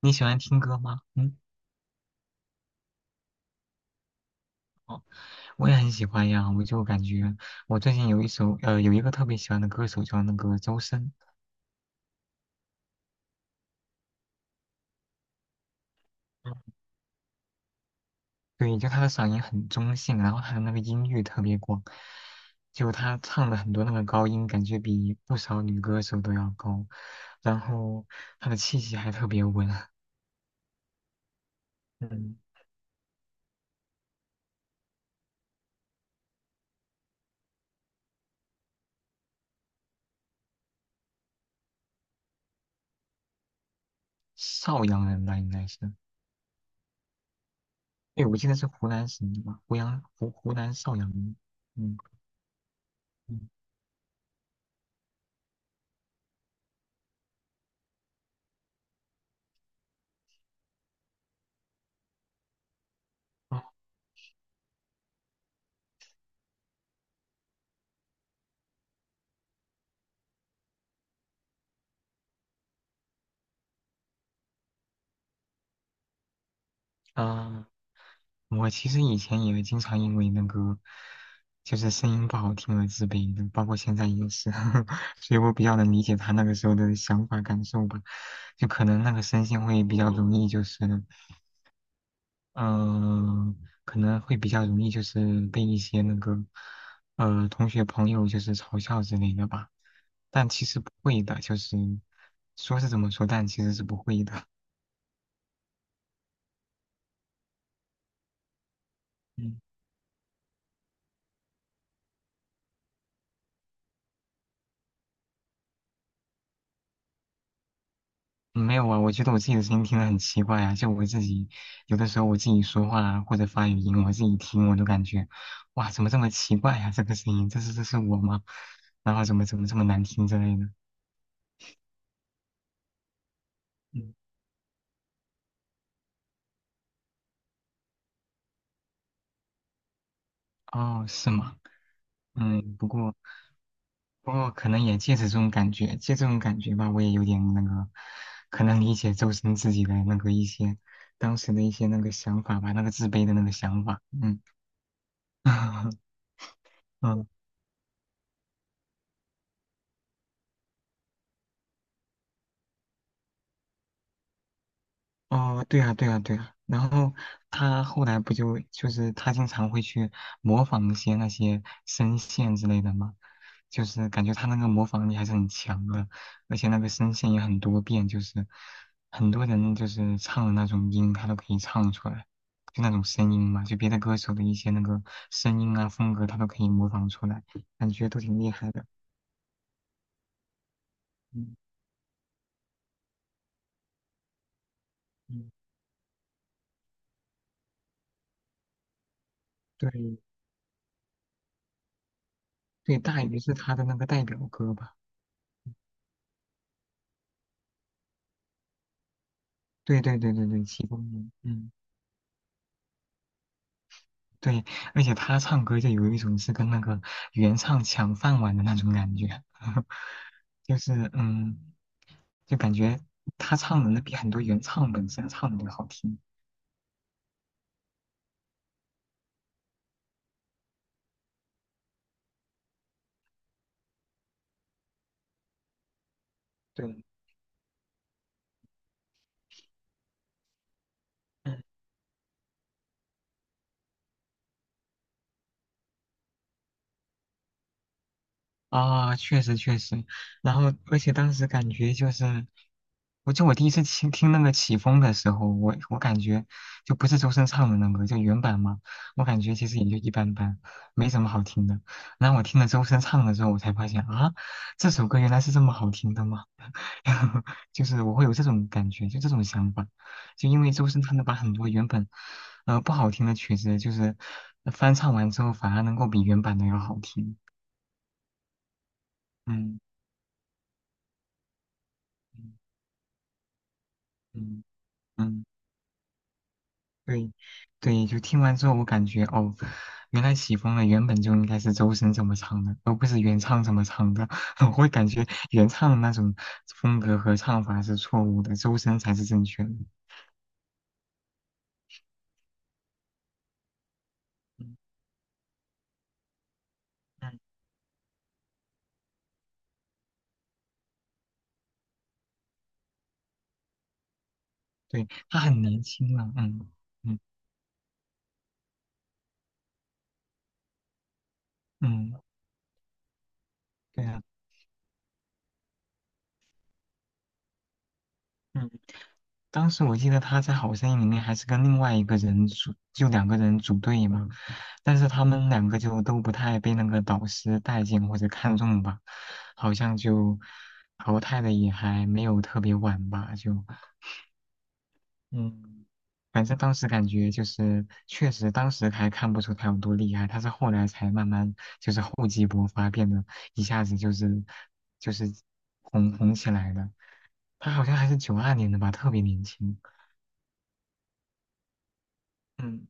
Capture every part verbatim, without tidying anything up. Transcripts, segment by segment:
你喜欢听歌吗？嗯。哦，我也很喜欢呀。我就感觉我最近有一首呃有一个特别喜欢的歌手叫那个周深。嗯。对，就他的嗓音很中性，然后他的那个音域特别广，就他唱的很多那个高音，感觉比不少女歌手都要高，然后他的气息还特别稳。嗯。邵阳人吧应该是。对，我记得是湖南省的吧，湖阳湖湖南邵阳人。嗯嗯。哦。啊，我其实以前也经常因为那个就是声音不好听而自卑的，包括现在也是。所以我比较能理解他那个时候的想法感受吧。就可能那个声线会比较容易，就是嗯、呃可能会比较容易就是被一些那个呃同学朋友就是嘲笑之类的吧。但其实不会的，就是说是这么说，但其实是不会的。嗯。没有啊，我觉得我自己的声音听得很奇怪啊，就我自己有的时候我自己说话啊或者发语音，我自己听我都感觉，哇，怎么这么奇怪呀、这个声音，这是这是我吗？然后怎么怎么这么难听之类的。嗯，哦，是吗？嗯。不过不过可能也借着这种感觉，借这种感觉吧，我也有点那个，可能理解周深自己的那个一些当时的一些那个想法吧，那个自卑的那个想法。嗯。 嗯。哦，对啊，对啊，对啊。然后他后来不就就是他经常会去模仿一些那些声线之类的嘛，就是感觉他那个模仿力还是很强的，而且那个声线也很多变，就是很多人就是唱的那种音，他都可以唱出来，就那种声音嘛，就别的歌手的一些那个声音啊风格，他都可以模仿出来，感觉都挺厉害的。嗯嗯。对对，大鱼是他的那个代表歌吧？对对对对对，其中一个。嗯。对，而且他唱歌就有一种是跟那个原唱抢饭碗的那种感觉。就是嗯，就感觉他唱的那比很多原唱本身唱的都好听。对。啊，确实确实，然后而且当时感觉就是，我就我第一次听听那个起风的时候，我我感觉就不是周深唱的那个，就原版嘛，我感觉其实也就一般般，没什么好听的。然后我听了周深唱的之后，我才发现啊，这首歌原来是这么好听的吗？就是我会有这种感觉，就这种想法，就因为周深他能把很多原本呃不好听的曲子，就是翻唱完之后反而能够比原版的要好听。嗯。嗯嗯嗯，对对，就听完之后，我感觉哦，原来起风了，原本就应该是周深怎么唱的，而不是原唱怎么唱的。我会感觉原唱的那种风格和唱法是错误的，周深才是正确的。嗯，嗯。对，他很年轻了。嗯嗯嗯。对啊。嗯。当时我记得他在《好声音》里面还是跟另外一个人组，就两个人组队嘛，但是他们两个就都不太被那个导师待见或者看中吧，好像就淘汰的也还没有特别晚吧。就嗯，反正当时感觉就是确实当时还看不出他有多厉害，他是后来才慢慢就是厚积薄发，变得一下子就是就是红红起来的，他好像还是九二年的吧，特别年轻。嗯。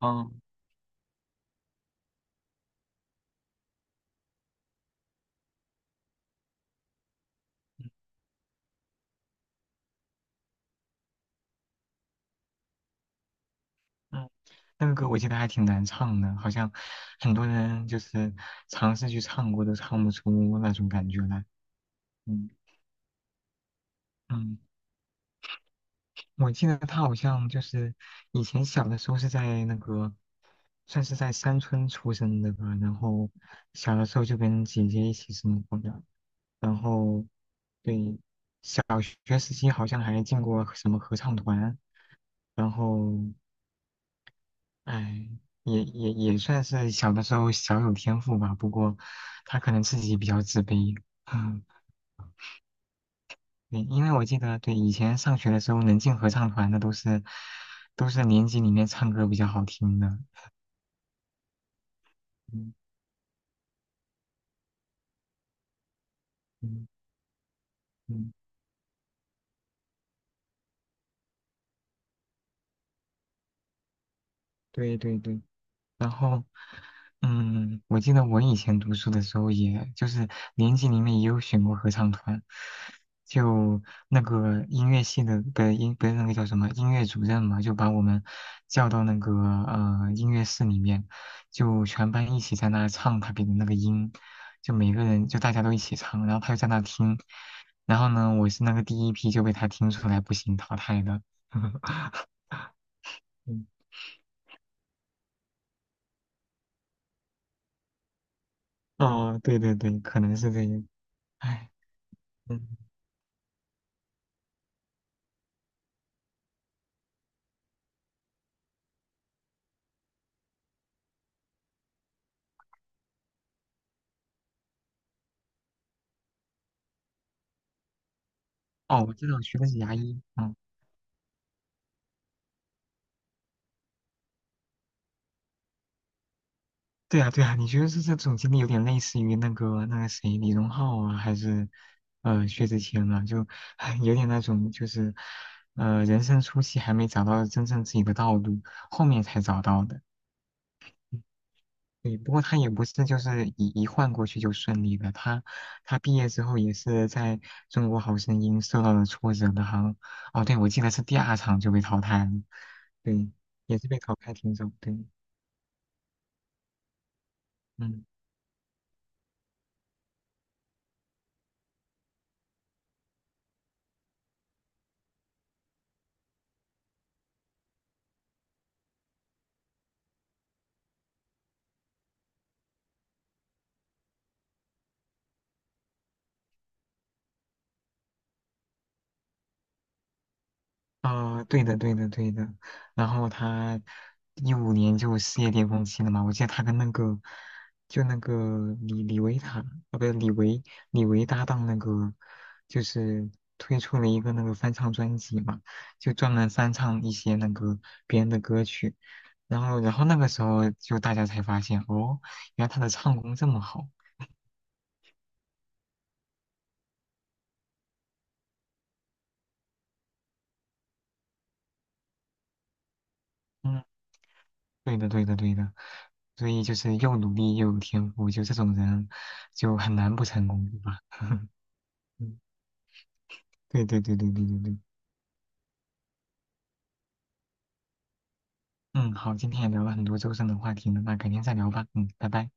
嗯嗯，那个歌我记得还挺难唱的，好像很多人就是尝试去唱过，都唱不出那种感觉来。嗯。嗯，我记得他好像就是以前小的时候是在那个，算是在山村出生的吧，然后小的时候就跟姐姐一起生活的，然后对小学时期好像还进过什么合唱团，然后哎，也也也算是小的时候小有天赋吧，不过他可能自己比较自卑。嗯。对，因为我记得，对，以前上学的时候能进合唱团的都是都是年级里面唱歌比较好听的。嗯嗯嗯，对对对。然后。嗯，我记得我以前读书的时候也，就是年级里面也有选过合唱团，就那个音乐系的的音不是那个叫什么音乐主任嘛，就把我们叫到那个呃音乐室里面，就全班一起在那唱他给的那个音，就每个人就大家都一起唱，然后他就在那听，然后呢，我是那个第一批就被他听出来不行淘汰的。嗯，哦，对对对，可能是这样。唉。嗯。哦，我知道学的是牙医。嗯，对啊，对啊，你觉得是这种经历有点类似于那个那个谁李荣浩啊，还是呃薛之谦啊？就 有点那种就是呃人生初期还没找到真正自己的道路，后面才找到的。嗯。对，不过他也不是就是一一换过去就顺利的，他他毕业之后也是在中国好声音受到了挫折的，好像哦，对，我记得是第二场就被淘汰了，对，也是被淘汰挺久，对。嗯。啊、对的，对的，对的。然后他一五年就事业巅峰期了嘛，我记得他跟那个就那个李李维塔，啊，不是李维李维搭档那个，就是推出了一个那个翻唱专辑嘛，就专门翻唱一些那个别人的歌曲。然后，然后那个时候就大家才发现，哦，原来他的唱功这么好。嗯。对的，对的，对的，所以就是又努力又有天赋，就这种人就很难不成功，对吧？嗯。对对对对对对对，嗯，好，今天也聊了很多周深的话题了，那改天再聊吧，嗯，拜拜。